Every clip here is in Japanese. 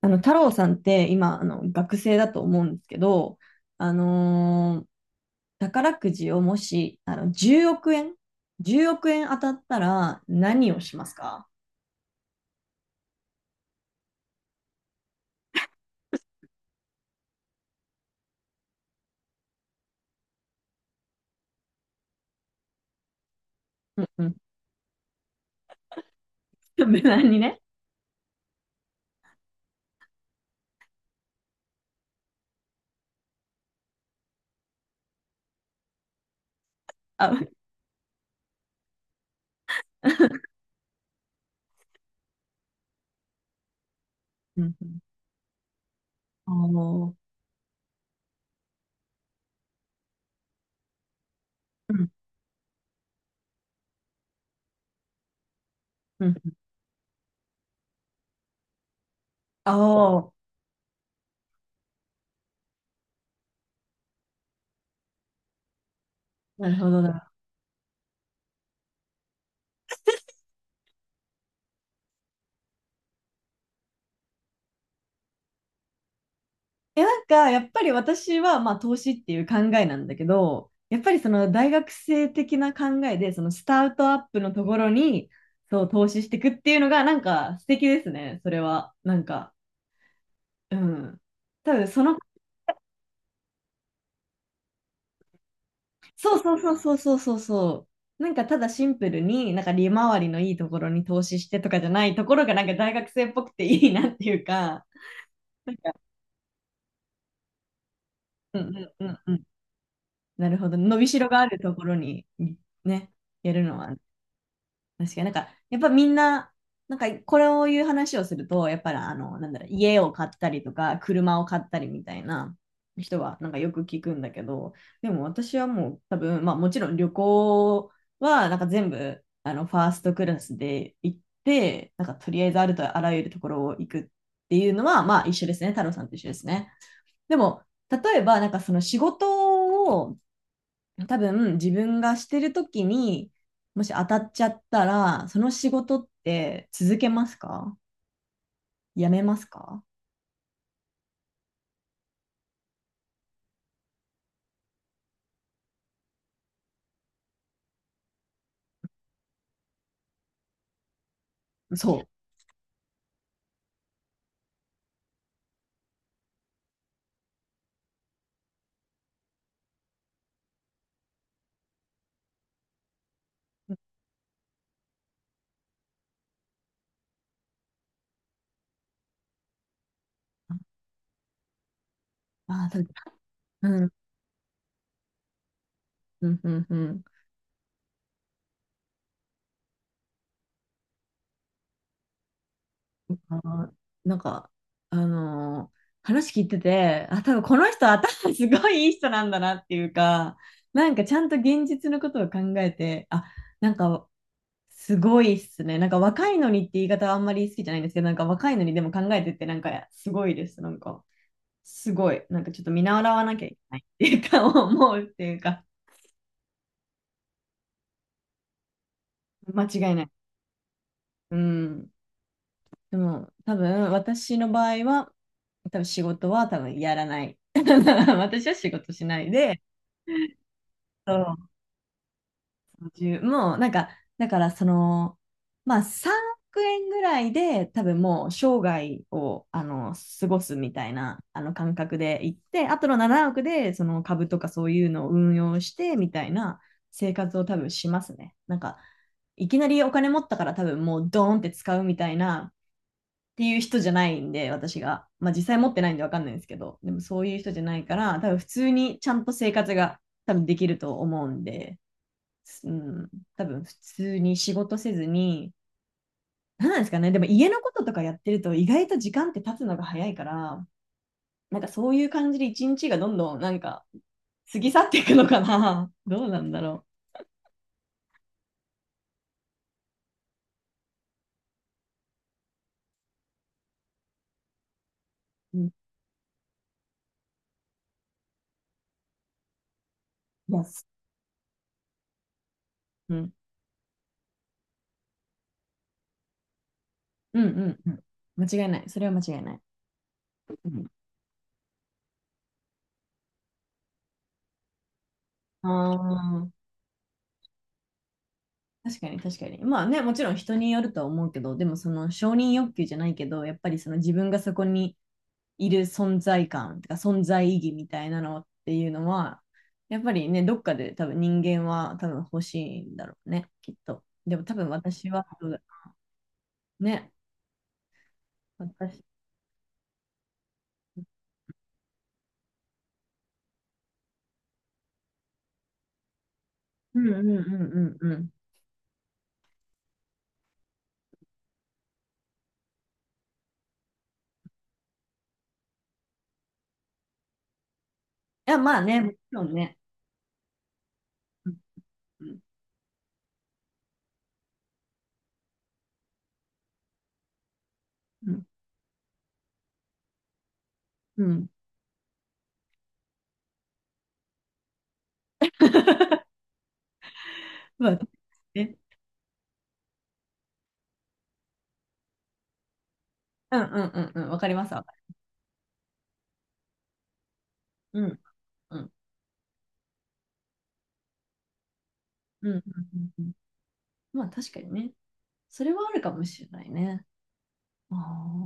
太郎さんって今、学生だと思うんですけど、あのー宝くじをもし、10億円、10億円当たったら何をしますか？うんうん。無難にね。あ、うんうん。あのうんうん。ああ、なるほど。え、なんか、やっぱり私は、まあ、投資っていう考えなんだけど、やっぱりその大学生的な考えで、そのスタートアップのところに、そう、投資していくっていうのが、なんか素敵ですね、それは。なんか、うん。多分その、そうそうそうそうそうそうそう。なんかただシンプルに、なんか利回りのいいところに投資してとかじゃないところが、なんか大学生っぽくていいなっていうか、なんか、うんうんうんうん。なるほど。伸びしろがあるところに、ね、やるのはね。確かになんか、やっぱみんな、なんかこれを言う話をすると、やっぱりなんだろう、家を買ったりとか、車を買ったりみたいな人は、なんかよく聞くんだけど、でも私はもう多分、まあもちろん旅行は、なんか全部、ファーストクラスで行って、なんかとりあえずあるとあらゆるところを行くっていうのは、まあ一緒ですね、太郎さんと一緒ですね。でも、例えば、なんかその仕事を多分自分がしてる時にもし当たっちゃったらその仕事って続けますか、やめますか？そう。ああ、多分うんうんうんうん。あーなんか、あのー話聞いてて、あ、多分この人頭すごいいい人なんだなっていうか、なんかちゃんと現実のことを考えて、あ、なんかすごいっすね。なんか若いのにって言い方はあんまり好きじゃないんですけど、なんか若いのにでも考えてってなんかすごいです。なんか。すごい、なんかちょっと見習わなきゃいけないっていうか、思うっていうか、間違いない。うん。でも、多分、私の場合は、多分仕事は多分やらない。私は仕事しないで、そうごじゅうもうなんか、だからその、まあ3億円ぐらいで多分もう生涯を過ごすみたいなあの感覚で行って、あとの7億でその株とかそういうのを運用してみたいな生活を多分しますね。なんか、いきなりお金持ったから多分もうドーンって使うみたいなっていう人じゃないんで、私が。まあ実際持ってないんでわかんないんですけど、でもそういう人じゃないから、多分普通にちゃんと生活が多分できると思うんで。うん、多分普通に仕事せずに、なんなんですかね、でも家のこととかやってると意外と時間って経つのが早いから、なんかそういう感じで一日がどんどんなんか過ぎ去っていくのかな。どうなんだろう。うん、いや、すうん、うん、うん、うん間違いない。それは間違いない。うん、ああ。確かに確かに。まあね、もちろん人によるとは思うけど、でもその承認欲求じゃないけど、やっぱりその自分がそこにいる存在感とか存在意義みたいなのっていうのは、やっぱりね、どっかで多分人間は多分欲しいんだろうね、きっと。でも多分私は、どうだね、私。うんうんうんうんうん。いや、まあね、もちろんね。うんうんうん。うん まあね、うんうんうんうん、わかりますわかる。うんうんうんうんうんうん。まあ確かにね。それはあるかもしれないね。あ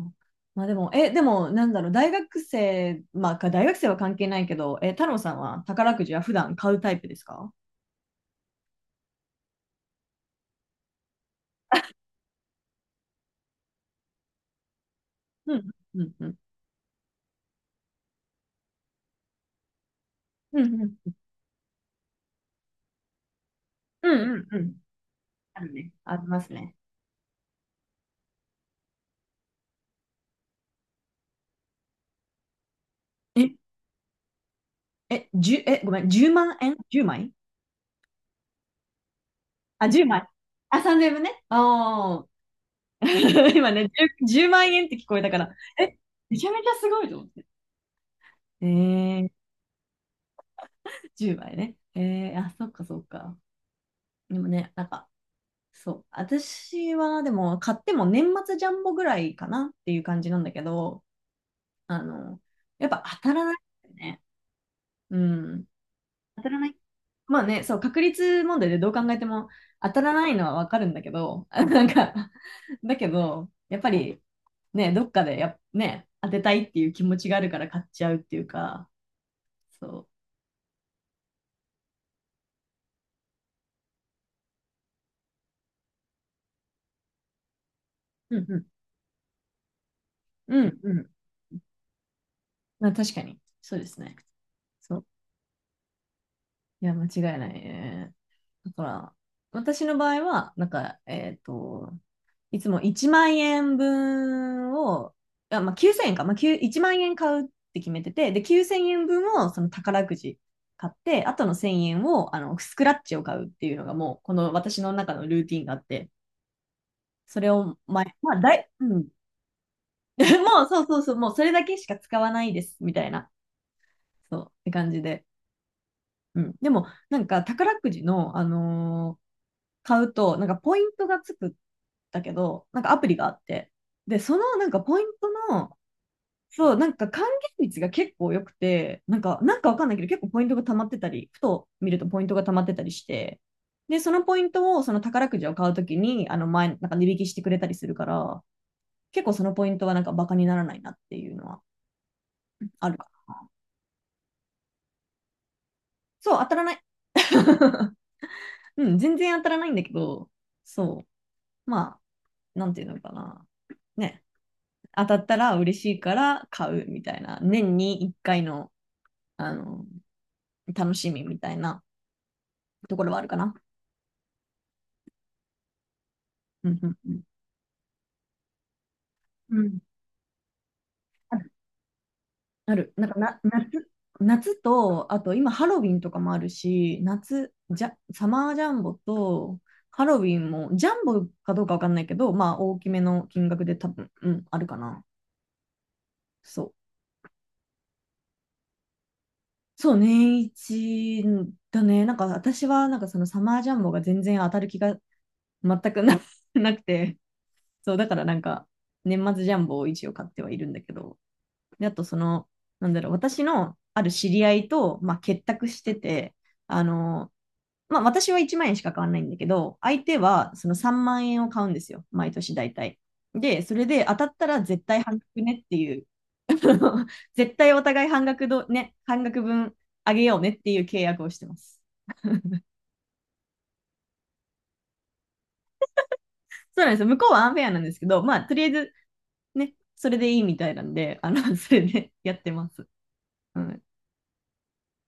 ーまあでも、え、でも、なんだろう、大学生、まあ、か大学生は関係ないけど、え、太郎さんは宝くじは普段買うタイプですか？うん、うん、うん。うん、うん、うん、うんうん。あるね。ありますね。え、え、十え、ごめん、10万円1枚？あ、10枚。あ、3 0 0ね。ああ。今ね10、万円って聞こえたから、え、めちゃめちゃすごいと思って。えー、10枚ね。えー、あ、そっかそっか。でもね、なんか、そう。私は、でも、買っても年末ジャンボぐらいかなっていう感じなんだけど、あの、やっぱ当たらないよね。うん。当たらない。まあね、そう、確率問題でどう考えても当たらないのはわかるんだけど、あなんか、だけど、やっぱり、ね、どっかでや、ね、当てたいっていう気持ちがあるから買っちゃうっていうか、そう。うんうん。うんうん。まあ確かに、そうですね。そういや、間違いないね。だから、私の場合は、なんか、いつも1万円分を、あ、まあ、9000円か、まあ、9 1万円買うって決めてて、で、9000円分をその宝くじ買って、あとの1000円をあのスクラッチを買うっていうのがもう、この私の中のルーティンがあって、それを前、まあ、だい、うん。もう、そうそうそう、もうそれだけしか使わないです、みたいな、そう、って感じで。うん。でも、なんか、宝くじの、買うと、なんかポイントがつくんだけど、なんかアプリがあって。で、そのなんかポイントの、そう、なんか還元率が結構良くて、なんか、なんかわかんないけど、結構ポイントが溜まってたり、ふと見るとポイントが溜まってたりして、で、そのポイントを、その宝くじを買うときに、あの前、なんか値引きしてくれたりするから、結構そのポイントはなんかバカにならないなっていうのはあるかな。そう、当たらない。うん、全然当たらないんだけど、そう。まあ、なんていうのかな。ね。当たったら嬉しいから買うみたいな、年に1回の、あの、楽しみみたいなところはあるかな。うんうんうん。うんある。あるなんかな、夏、夏と、あと今ハロウィンとかもあるし、夏、じゃ、サマージャンボと、ハロウィンも、ジャンボかどうかわかんないけど、まあ大きめの金額で多分、うん、あるかな。そう。そう、年一だね。なんか私は、なんかそのサマージャンボが全然当たる気が全くな なくて、そう、だからなんか、年末ジャンボを一応買ってはいるんだけど、であとその、なんだろう、私のある知り合いと、まあ、結託してて、あの、まあ、私は1万円しか買わないんだけど、相手はその3万円を買うんですよ、毎年大体。で、それで当たったら絶対半額ねっていう、絶対お互い半額ど、ね、半額分あげようねっていう契約をしてます。そうなんですよ。向こうはアンフェアなんですけど、まあ、とりあえずね、それでいいみたいなんで、それでやってます。うん